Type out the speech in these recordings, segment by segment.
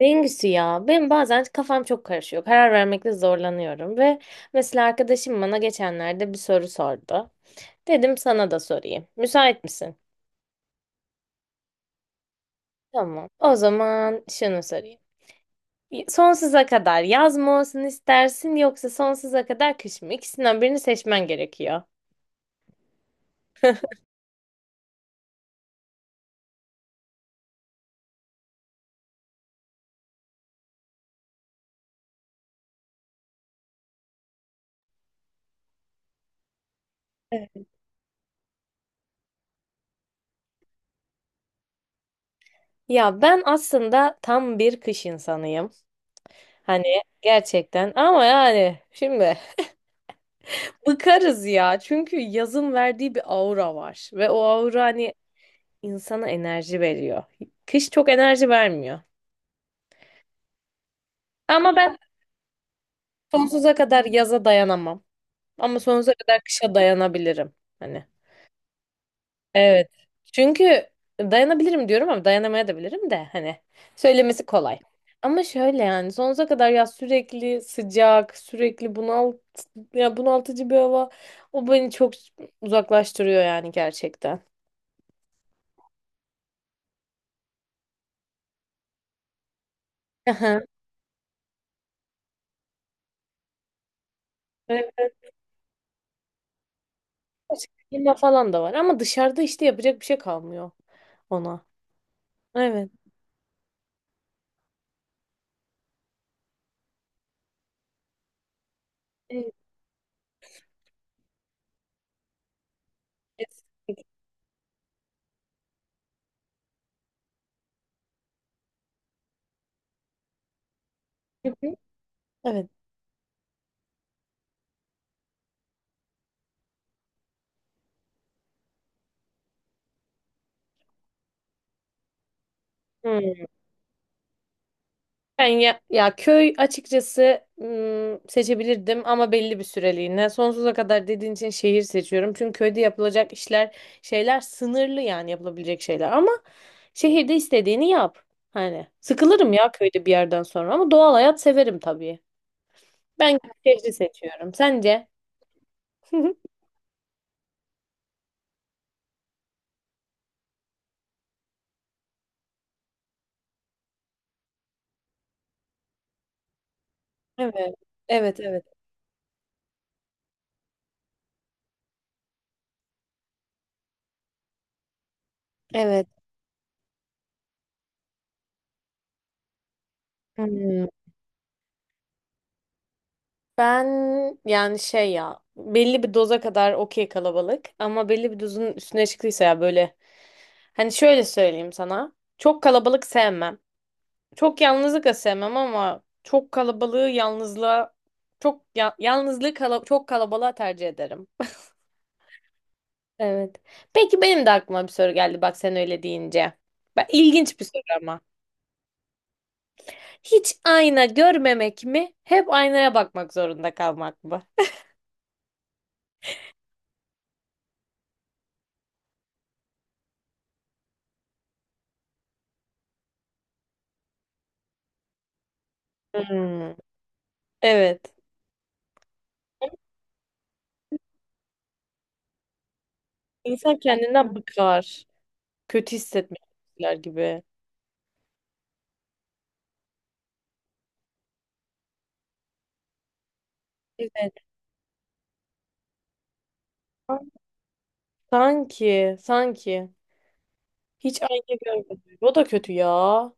Bengüsü ya. Ben bazen kafam çok karışıyor. Karar vermekte zorlanıyorum ve mesela arkadaşım bana geçenlerde bir soru sordu. Dedim sana da sorayım. Müsait misin? Tamam. O zaman şunu sorayım. Sonsuza kadar yaz mı olsun istersin yoksa sonsuza kadar kış mı? İkisinden birini seçmen gerekiyor. Evet. Ya ben aslında tam bir kış insanıyım. Hani gerçekten ama yani şimdi bıkarız ya. Çünkü yazın verdiği bir aura var ve o aura hani insana enerji veriyor. Kış çok enerji vermiyor. Ama ben sonsuza kadar yaza dayanamam. Ama sonsuza kadar kışa dayanabilirim. Hani. Evet. Çünkü dayanabilirim diyorum ama dayanamaya da bilirim de, hani söylemesi kolay. Ama şöyle yani sonsuza kadar ya sürekli sıcak, sürekli bunaltıcı bir hava, o beni çok uzaklaştırıyor yani gerçekten. Aha. Böyle birazcık klima falan da var ama dışarıda işte yapacak bir şey kalmıyor ona. Evet. Hı. Evet. Hmm. Ben ya, ya köy açıkçası seçebilirdim ama belli bir süreliğine. Sonsuza kadar dediğin için şehir seçiyorum. Çünkü köyde yapılacak işler, şeyler sınırlı yani yapılabilecek şeyler. Ama şehirde istediğini yap. Hani sıkılırım ya köyde bir yerden sonra ama doğal hayat severim tabii. Ben şehri seçiyorum. Sence? Evet. Evet, evet. Evet. Hmm. Ben yani şey ya belli bir doza kadar okey kalabalık ama belli bir dozun üstüne çıktıysa ya böyle hani şöyle söyleyeyim sana, çok kalabalık sevmem. Çok yalnızlık da sevmem ama çok kalabalığı yalnızlığa çok yalnızlığı çok kalabalığa tercih ederim. Evet. Peki benim de aklıma bir soru geldi, bak sen öyle deyince. Ben, ilginç bir soru ama. Hiç ayna görmemek mi? Hep aynaya bakmak zorunda kalmak mı? Hmm, Evet. İnsan kendinden bıkar. Kötü hissetmekler gibi. Evet. Sanki, sanki. Hiç aynı görmedim. O da kötü ya.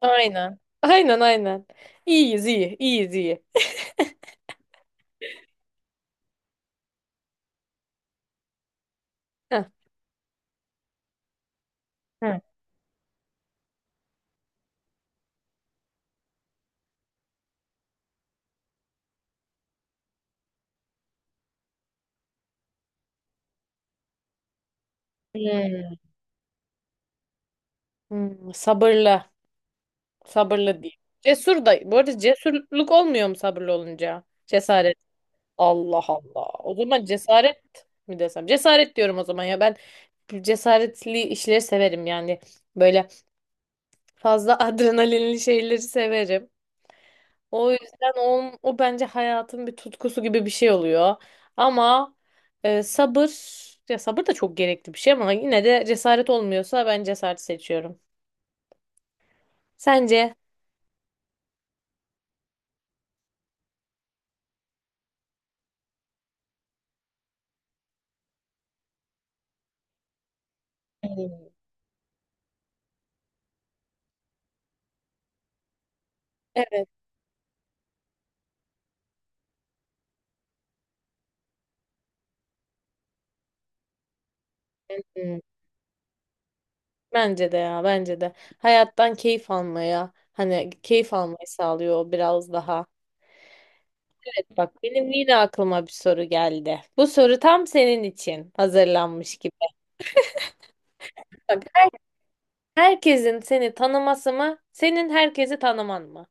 Aynen. Aynen aynen. İyiyiz iyi. İyiyiz iyi. Heh. Hı. Hmm. Sabırlı. Sabırlı değil. Cesur da. Bu arada cesurluk olmuyor mu sabırlı olunca? Cesaret. Allah Allah. O zaman cesaret mi desem? Cesaret diyorum o zaman ya. Ben cesaretli işleri severim yani. Böyle fazla adrenalinli şeyleri severim. O yüzden o bence hayatın bir tutkusu gibi bir şey oluyor. Ama sabır, ya sabır da çok gerekli bir şey ama yine de cesaret olmuyorsa ben cesaret seçiyorum. Sence? Hmm. Evet. Hmm. Bence de ya, bence de. Hayattan keyif almaya, hani keyif almayı sağlıyor biraz daha. Evet. Bak, benim yine aklıma bir soru geldi. Bu soru tam senin için hazırlanmış gibi. Bak, herkesin seni tanıması mı? Senin herkesi tanıman mı?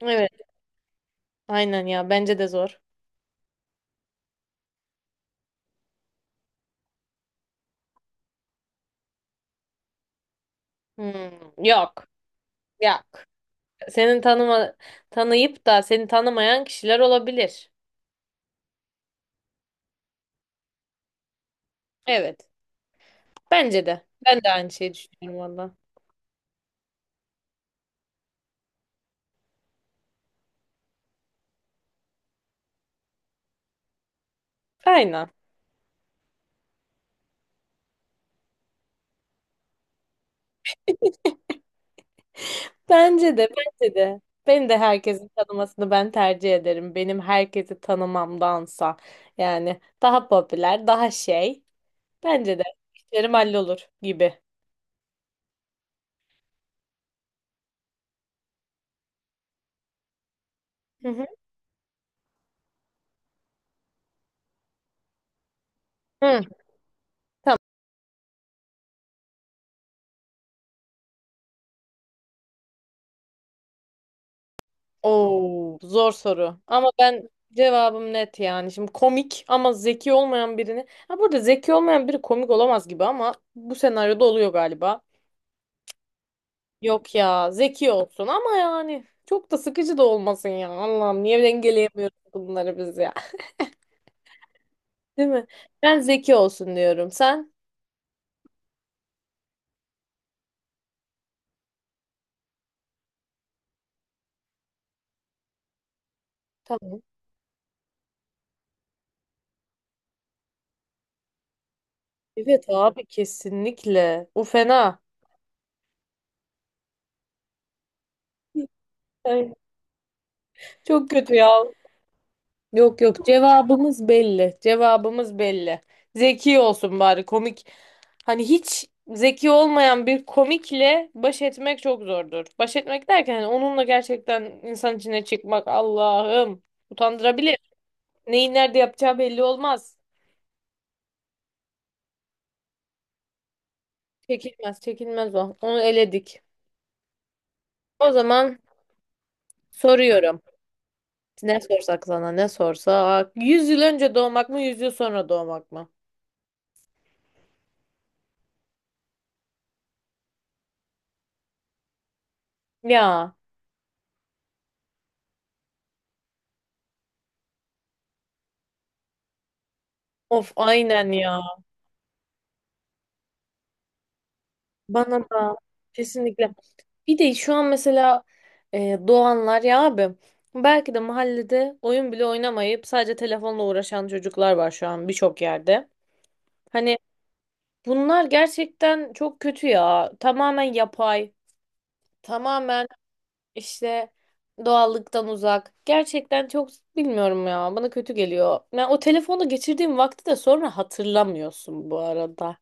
Evet. Aynen ya. Bence de zor. Hmm, yok. Yok. Senin tanıma, tanıyıp da seni tanımayan kişiler olabilir. Evet. Bence de. Ben de aynı şeyi düşünüyorum valla. Aynen. Bence de. Bence de. Ben de herkesin tanımasını ben tercih ederim. Benim herkesi tanımamdansa. Yani daha popüler, daha şey. Bence de. İşlerim hallolur gibi. Hı hı. Hı. Oo, zor soru. Ama ben cevabım net yani. Şimdi komik ama zeki olmayan birini. Ha, burada zeki olmayan biri komik olamaz gibi ama bu senaryoda oluyor galiba. Yok ya, zeki olsun ama yani çok da sıkıcı da olmasın ya. Allah'ım niye dengeleyemiyoruz bunları biz ya. Değil mi? Ben zeki olsun diyorum. Sen? Tamam. Evet abi, kesinlikle. Bu fena. Ay. Çok kötü ya. Yok, yok, cevabımız belli. Cevabımız belli. Zeki olsun bari komik. Hani hiç zeki olmayan bir komikle baş etmek çok zordur. Baş etmek derken hani onunla gerçekten insan içine çıkmak, Allah'ım, utandırabilir. Neyi nerede yapacağı belli olmaz. Çekilmez, çekilmez o. Onu eledik. O zaman soruyorum. Ne sorsak sana, ne sorsak. 100 yıl önce doğmak mı 100 yıl sonra doğmak mı? Ya of, aynen ya. Bana da kesinlikle. Bir de şu an mesela doğanlar ya abi, belki de mahallede oyun bile oynamayıp sadece telefonla uğraşan çocuklar var şu an birçok yerde. Hani bunlar gerçekten çok kötü ya. Tamamen yapay. Tamamen işte doğallıktan uzak. Gerçekten çok bilmiyorum ya. Bana kötü geliyor. Yani o telefonda geçirdiğim vakti de sonra hatırlamıyorsun bu arada.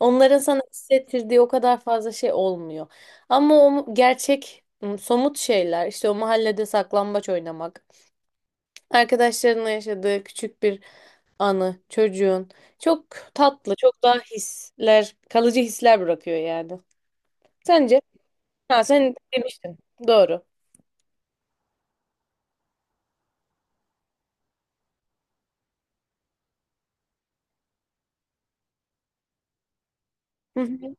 Onların sana hissettirdiği o kadar fazla şey olmuyor. Ama o gerçek somut şeyler, işte o mahallede saklambaç oynamak, arkadaşlarınla yaşadığı küçük bir anı, çocuğun çok tatlı, çok daha hisler, kalıcı hisler bırakıyor yani. Sence? Ha, sen demiştin. Doğru. Hı hı.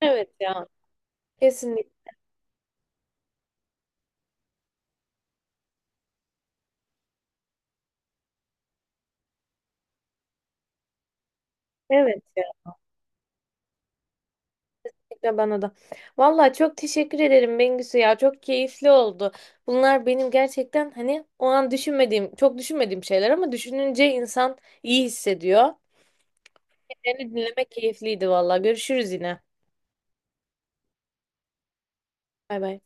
Evet ya. Kesinlikle. Evet ya. Kesinlikle bana da. Vallahi çok teşekkür ederim Bengüsü ya. Çok keyifli oldu. Bunlar benim gerçekten hani o an düşünmediğim, çok düşünmediğim şeyler ama düşününce insan iyi hissediyor. Seni dinlemek keyifliydi vallahi. Görüşürüz yine. Bay bay.